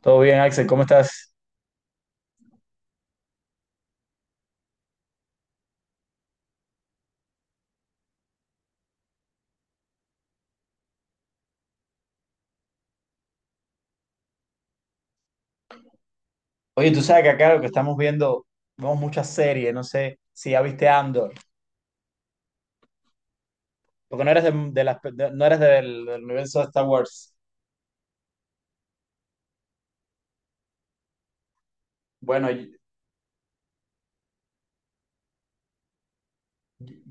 Todo bien, Axel, ¿cómo estás? Oye, tú sabes que acá lo que estamos viendo, vemos muchas series, no sé si ya viste Andor, porque no eres, no eres del universo de Star Wars. Bueno, y-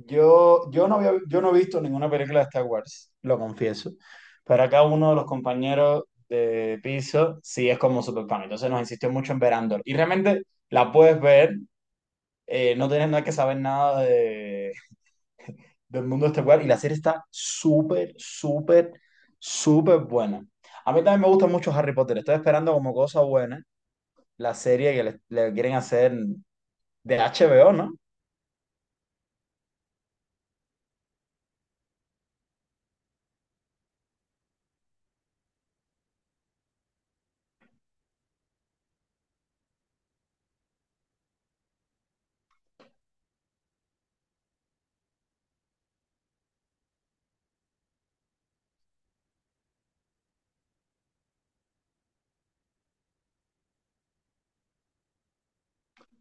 yo no he visto ninguna película de Star Wars, lo confieso, pero acá uno de los compañeros de piso sí es como super fan, entonces nos insistió mucho en ver Andor. Y realmente la puedes ver, no tienes nada que saber nada del mundo extracular y la serie está súper, súper, súper buena. A mí también me gusta mucho Harry Potter. Estoy esperando como cosa buena la serie que le quieren hacer de HBO, ¿no?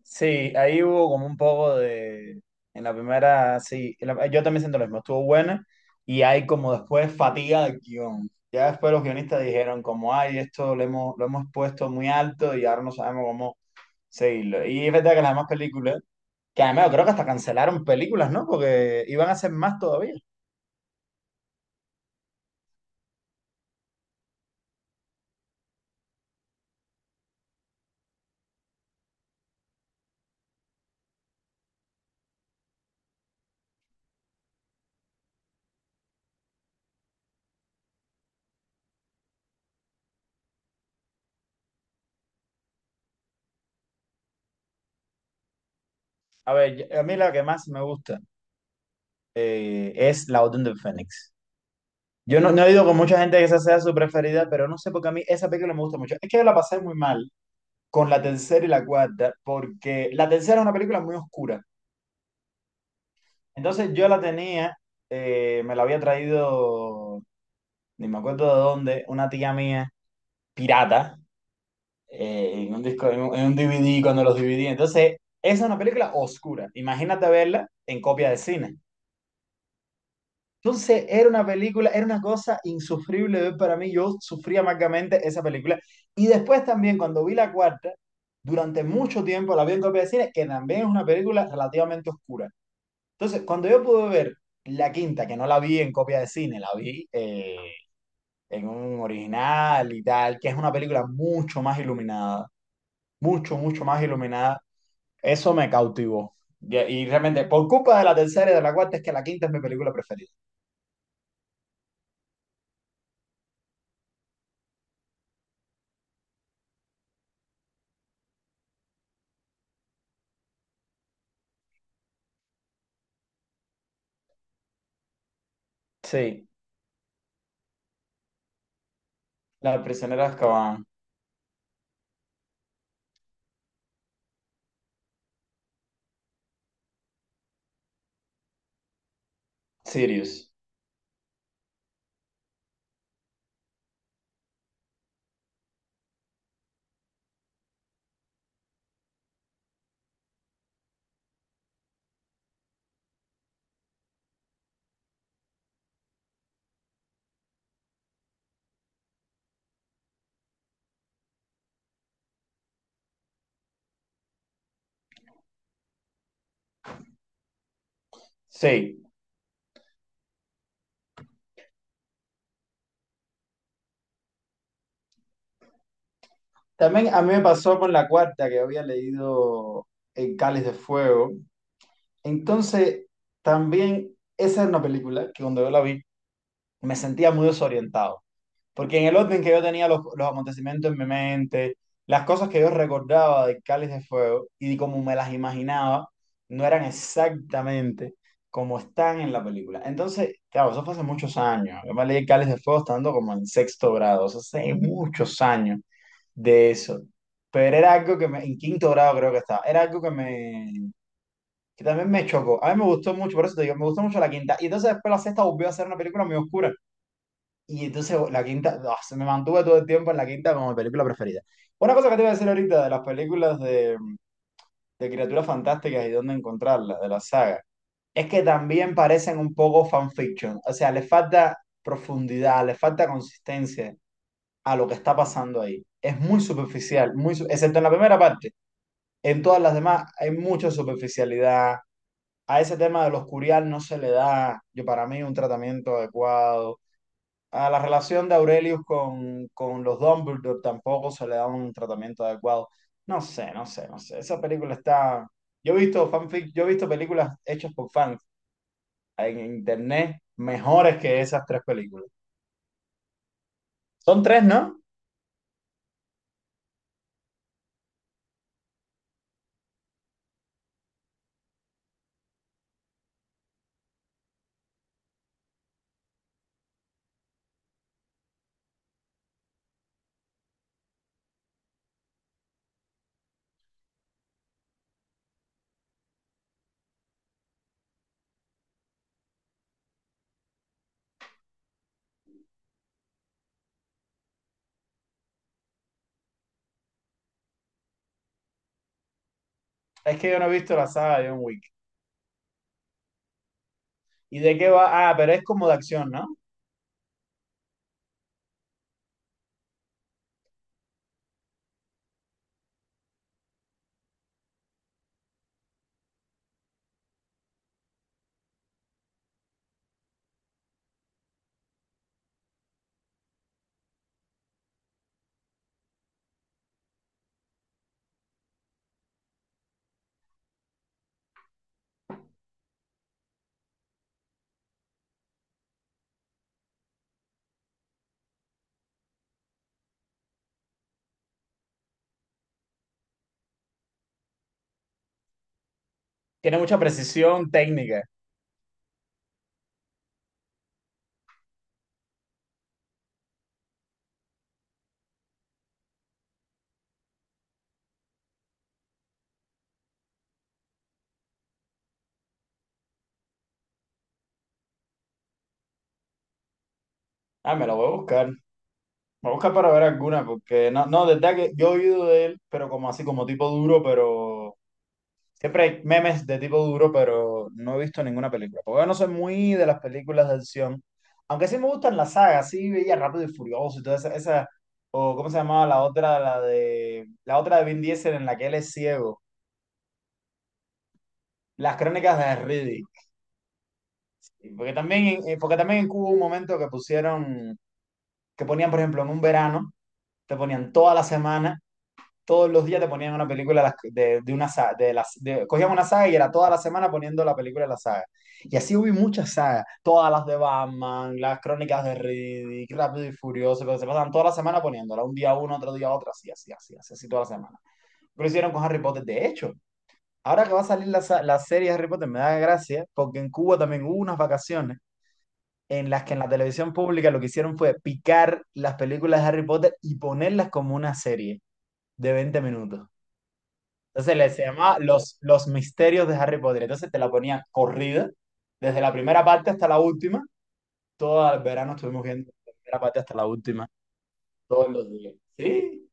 Sí, ahí hubo como un poco de... En la primera, sí, yo también siento lo mismo, estuvo buena y hay como después fatiga del guión. Ya después los guionistas dijeron como, ay, esto lo hemos puesto muy alto y ahora no sabemos cómo seguirlo. Y es verdad que las demás películas, que además yo creo que hasta cancelaron películas, ¿no? Porque iban a hacer más todavía. A ver, a mí la que más me gusta es La Orden del Fénix. Yo no he ido con mucha gente que esa sea su preferida, pero no sé por qué a mí esa película me gusta mucho. Es que yo la pasé muy mal con la tercera y la cuarta, porque la tercera es una película muy oscura. Entonces yo la tenía, me la había traído, ni me acuerdo de dónde, una tía mía, pirata, en un disco, en un DVD cuando los dividí. Entonces, esa es una película oscura. Imagínate verla en copia de cine. Entonces, era una película, era una cosa insufrible de ver para mí. Yo sufría amargamente esa película. Y después también, cuando vi la cuarta, durante mucho tiempo la vi en copia de cine, que también es una película relativamente oscura. Entonces, cuando yo pude ver la quinta, que no la vi en copia de cine, la vi en un original y tal, que es una película mucho más iluminada, mucho, mucho más iluminada, eso me cautivó. Y realmente, por culpa de la tercera y de la cuarta, es que la quinta es mi película preferida. Sí, La prisionera de Azkaban, Sirius. Sí. También a mí me pasó con la cuarta, que había leído El Cáliz de Fuego. Entonces, también esa es una película que cuando yo la vi, me sentía muy desorientado, porque en el orden que yo tenía los acontecimientos en mi mente, las cosas que yo recordaba de Cáliz de Fuego y como me las imaginaba, no eran exactamente como están en la película. Entonces, claro, eso fue hace muchos años. Yo me leí el Cáliz de Fuego estando como en sexto grado, o sea, hace muchos años de eso. Pero era algo que me, en quinto grado creo que estaba, era algo que me, que también me chocó. A mí me gustó mucho, por eso te digo, me gustó mucho la quinta. Y entonces después la sexta volvió a ser una película muy oscura. Y entonces la quinta, ah, se me mantuve todo el tiempo en la quinta como mi película preferida. Una cosa que te iba a decir ahorita de las películas de criaturas fantásticas y dónde encontrarlas, de la saga, es que también parecen un poco fanfiction. O sea, le falta profundidad, le falta consistencia a lo que está pasando ahí. Es muy superficial, excepto en la primera parte. En todas las demás hay mucha superficialidad. A ese tema de los curial no se le da, yo para mí, un tratamiento adecuado. A la relación de Aurelius con los Dumbledore tampoco se le da un tratamiento adecuado. No sé, no sé, no sé. Esa película está... Yo he visto fanfic, yo he visto películas hechas por fans en internet mejores que esas tres películas. Son tres, ¿no? Es que yo no he visto la saga de John Wick. ¿Y de qué va? Ah, pero es como de acción, ¿no? Tiene mucha precisión técnica. Ah, me la voy a buscar. Me voy a buscar para ver alguna, porque no, desde que yo he oído de él, pero como así, como tipo duro, pero siempre hay memes de tipo duro, pero no he visto ninguna película. Porque yo no soy muy de las películas de acción. Aunque sí me gustan las sagas, sí veía Rápido y Furioso y toda o ¿cómo se llamaba la otra? La de, la otra de Vin Diesel en la que él es ciego. Las crónicas de Riddick. Porque también en Cuba hubo un momento que pusieron, que ponían, por ejemplo, en un verano, te ponían toda la semana todos los días te ponían una película una saga, cogían una saga y era toda la semana poniendo la película de la saga. Y así hubo muchas sagas, todas las de Batman, las crónicas de Riddick, Rápido y Furioso, pero se pasaban toda la semana poniéndola, un día uno, otro día otro, así, así, así, así, así toda la semana. Pero hicieron con Harry Potter, de hecho. Ahora que va a salir la serie de Harry Potter, me da gracia, porque en Cuba también hubo unas vacaciones en las que en la televisión pública lo que hicieron fue picar las películas de Harry Potter y ponerlas como una serie de 20 minutos. Entonces le se llama los misterios de Harry Potter. Entonces te la ponía corrida, desde la primera parte hasta la última. Todo el verano estuvimos viendo la primera parte hasta la última, todos los días. Sí.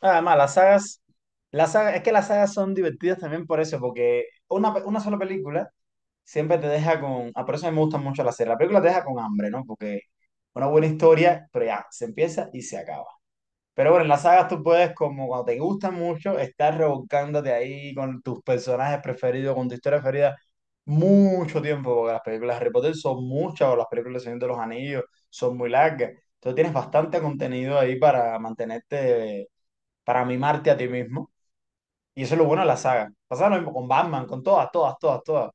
Además, las sagas, es que las sagas son divertidas también por eso, porque una sola película siempre te deja con. Ah, por eso a mí me gustan mucho las series. La película te deja con hambre, ¿no? Porque una buena historia, pero ya, se empieza y se acaba. Pero bueno, en las sagas tú puedes, como cuando te gustan mucho, estar revolcándote ahí con tus personajes preferidos, con tu historia preferida, mucho tiempo, porque las películas de Harry Potter son muchas, o las películas de Señor de los Anillos son muy largas. Entonces tienes bastante contenido ahí para mantenerte, para mimarte a ti mismo. Y eso es lo bueno de la saga. Pasa lo mismo con Batman, con todas, todas, todas, todas.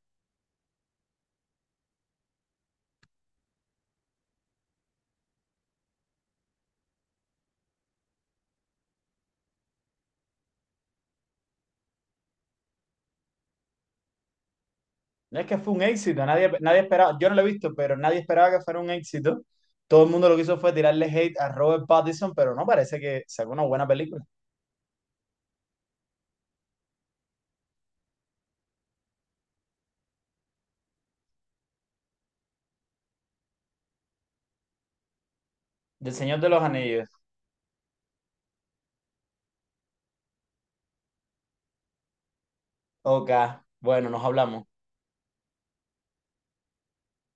No es que fue un éxito, nadie, nadie esperaba, yo no lo he visto, pero nadie esperaba que fuera un éxito. Todo el mundo lo que hizo fue tirarle hate a Robert Pattinson, pero no parece que sacó una buena película. Del Señor de los Anillos. Ok, bueno, nos hablamos.